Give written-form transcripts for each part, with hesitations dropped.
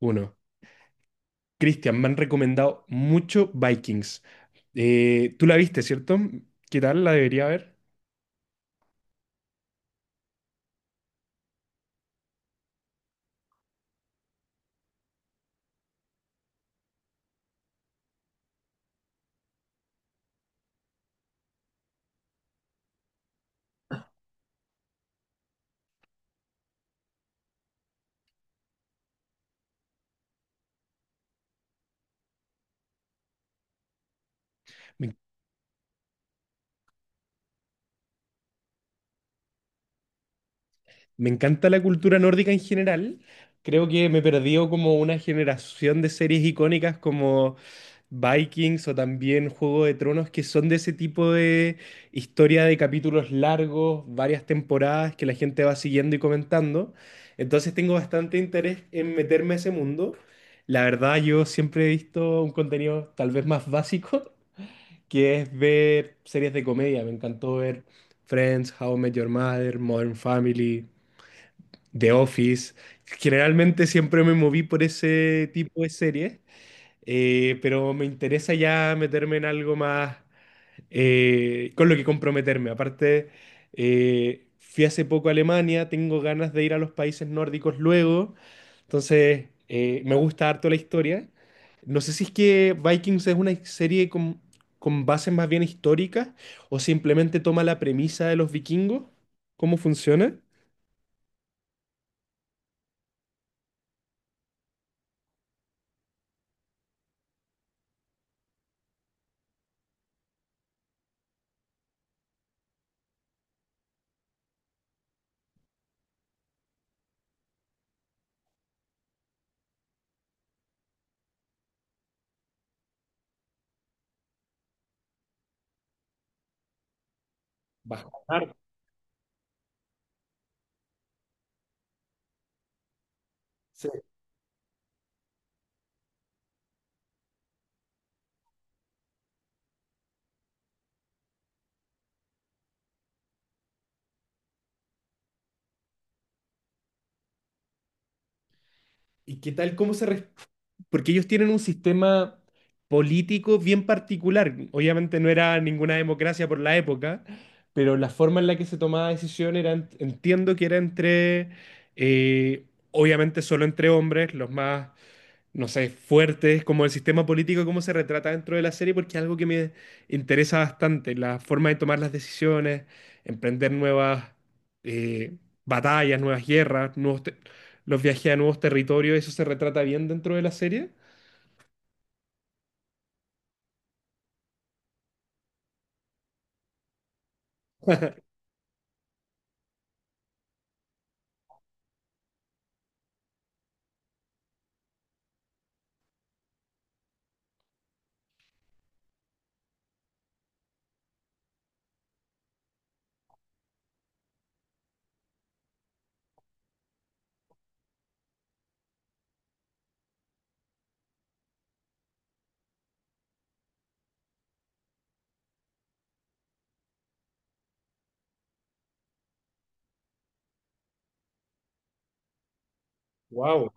Uno. Cristian, me han recomendado mucho Vikings. Tú la viste, ¿cierto? ¿Qué tal? ¿La debería ver? Me Me encanta la cultura nórdica en general. Creo que me perdió como una generación de series icónicas como Vikings o también Juego de Tronos, que son de ese tipo de historia de capítulos largos, varias temporadas que la gente va siguiendo y comentando. Entonces tengo bastante interés en meterme a ese mundo. La verdad, yo siempre he visto un contenido tal vez más básico, que es ver series de comedia. Me encantó ver Friends, How I Met Your Mother, Modern Family. The Office. Generalmente siempre me moví por ese tipo de series, pero me interesa ya meterme en algo más con lo que comprometerme. Aparte, fui hace poco a Alemania, tengo ganas de ir a los países nórdicos luego, entonces me gusta harto la historia. No sé si es que Vikings es una serie con bases más bien históricas o simplemente toma la premisa de los vikingos, ¿cómo funciona? Bajo. ¿Y qué tal cómo se? Porque ellos tienen un sistema político bien particular. Obviamente no era ninguna democracia por la época, pero la forma en la que se tomaba decisión era, entiendo que era entre, obviamente solo entre hombres, los más no sé, fuertes, como el sistema político, cómo se retrata dentro de la serie, porque es algo que me interesa bastante, la forma de tomar las decisiones, emprender nuevas eh, batallas, nuevas guerras, los viajes a nuevos territorios, eso se retrata bien dentro de la serie. Wow.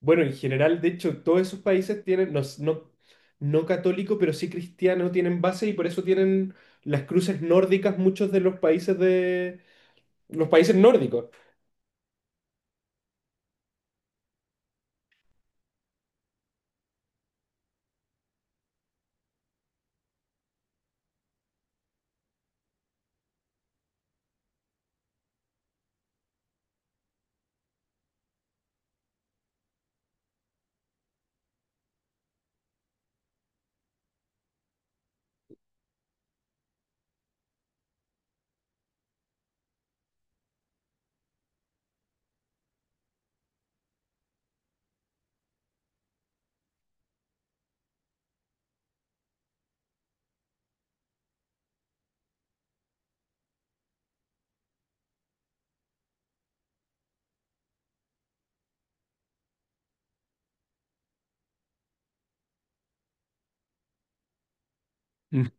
Bueno, en general, de hecho, todos esos países tienen, no, no, no católico, pero sí cristiano, tienen base y por eso tienen las cruces nórdicas muchos de los países nórdicos. Mm.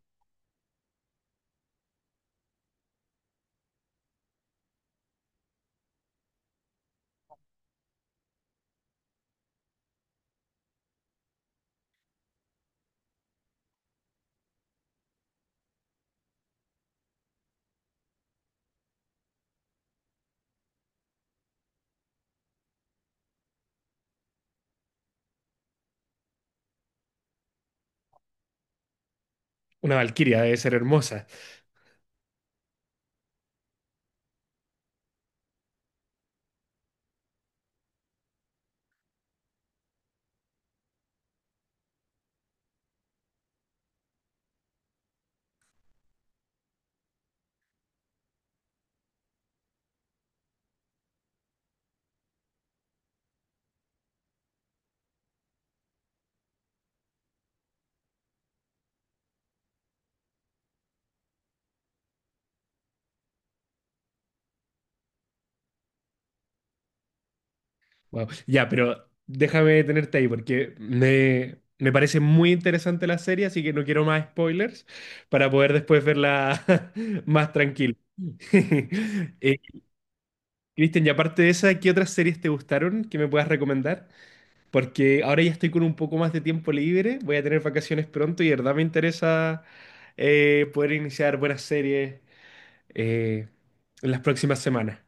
Una valquiria debe ser hermosa. Wow. Ya, pero déjame tenerte ahí porque me parece muy interesante la serie, así que no quiero más spoilers para poder después verla más tranquilo. Eh, Cristian, y aparte de esa, ¿qué otras series te gustaron que me puedas recomendar? Porque ahora ya estoy con un poco más de tiempo libre, voy a tener vacaciones pronto y de verdad me interesa poder iniciar buenas series eh, en las próximas semanas.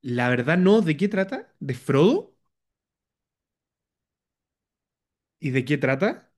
La verdad no, ¿de qué trata? ¿De Frodo? ¿Y de qué trata?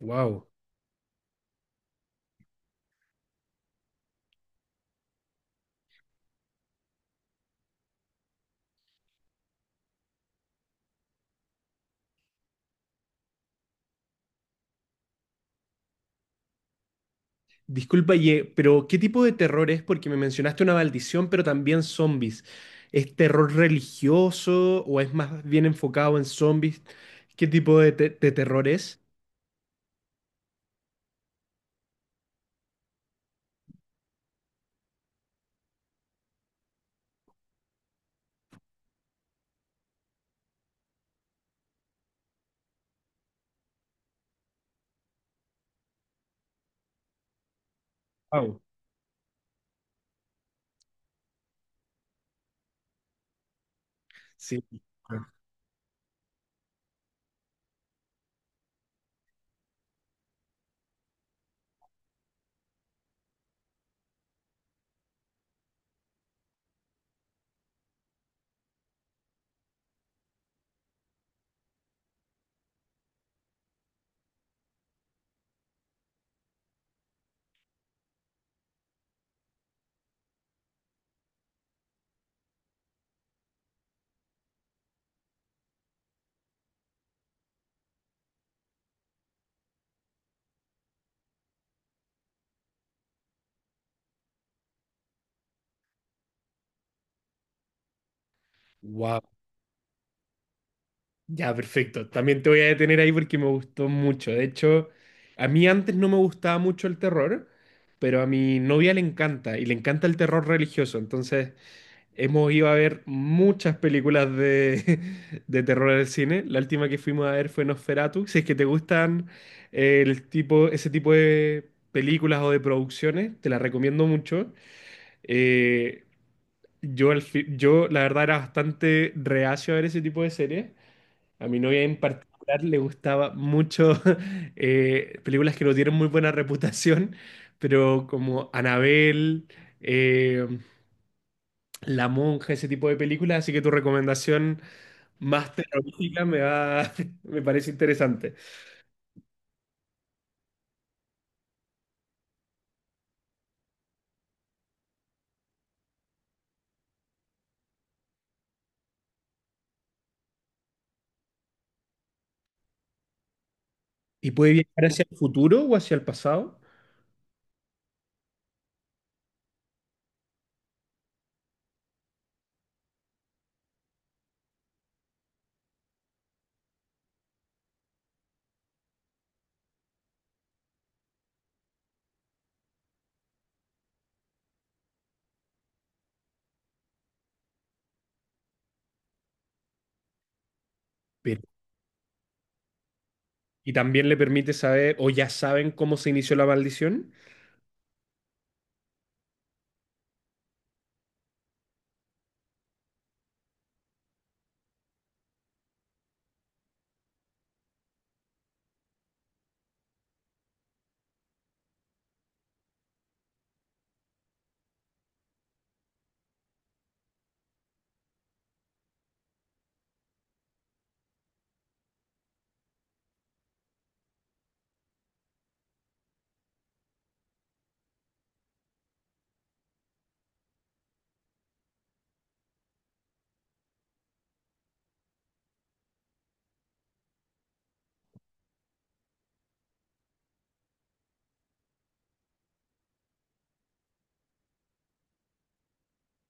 Wow. Disculpa, Ye, pero ¿qué tipo de terror es? Porque me mencionaste una maldición, pero también zombies. ¿Es terror religioso o es más bien enfocado en zombies? ¿Qué tipo de terror es? Wow. Sí. Wow. Ya, perfecto. También te voy a detener ahí porque me gustó mucho. De hecho, a mí antes no me gustaba mucho el terror, pero a mi novia le encanta y le encanta el terror religioso. Entonces, hemos ido a ver muchas películas de, de terror en el cine. La última que fuimos a ver fue Nosferatu. Si es que te gustan ese tipo de películas o de producciones, te las recomiendo mucho. Eh, yo, yo, la verdad, era bastante reacio a ver ese tipo de series. A mi novia en particular le gustaba mucho películas que no tienen muy buena reputación, pero como Anabel la Monja, ese tipo de películas, así que tu recomendación más terrorífica me parece interesante. ¿Y puede viajar hacia el futuro o hacia el pasado? pero- ¿Y también le permite saber, o ya saben cómo se inició la maldición?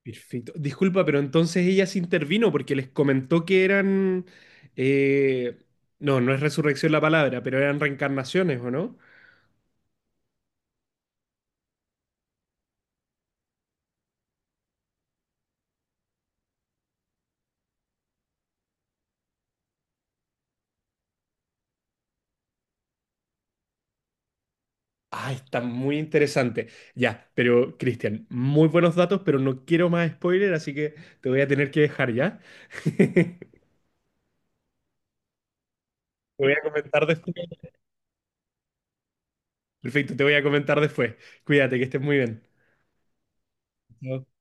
Perfecto. Disculpa, pero entonces ella se intervino porque les comentó que eran, eh, no, no es resurrección la palabra, pero eran reencarnaciones, ¿o no? Ah, está muy interesante. Ya, pero Cristian, muy buenos datos, pero no quiero más spoiler, así que te voy a tener que dejar ya. Te voy a comentar después. Perfecto, te voy a comentar después. Cuídate, que estés muy bien. Chao.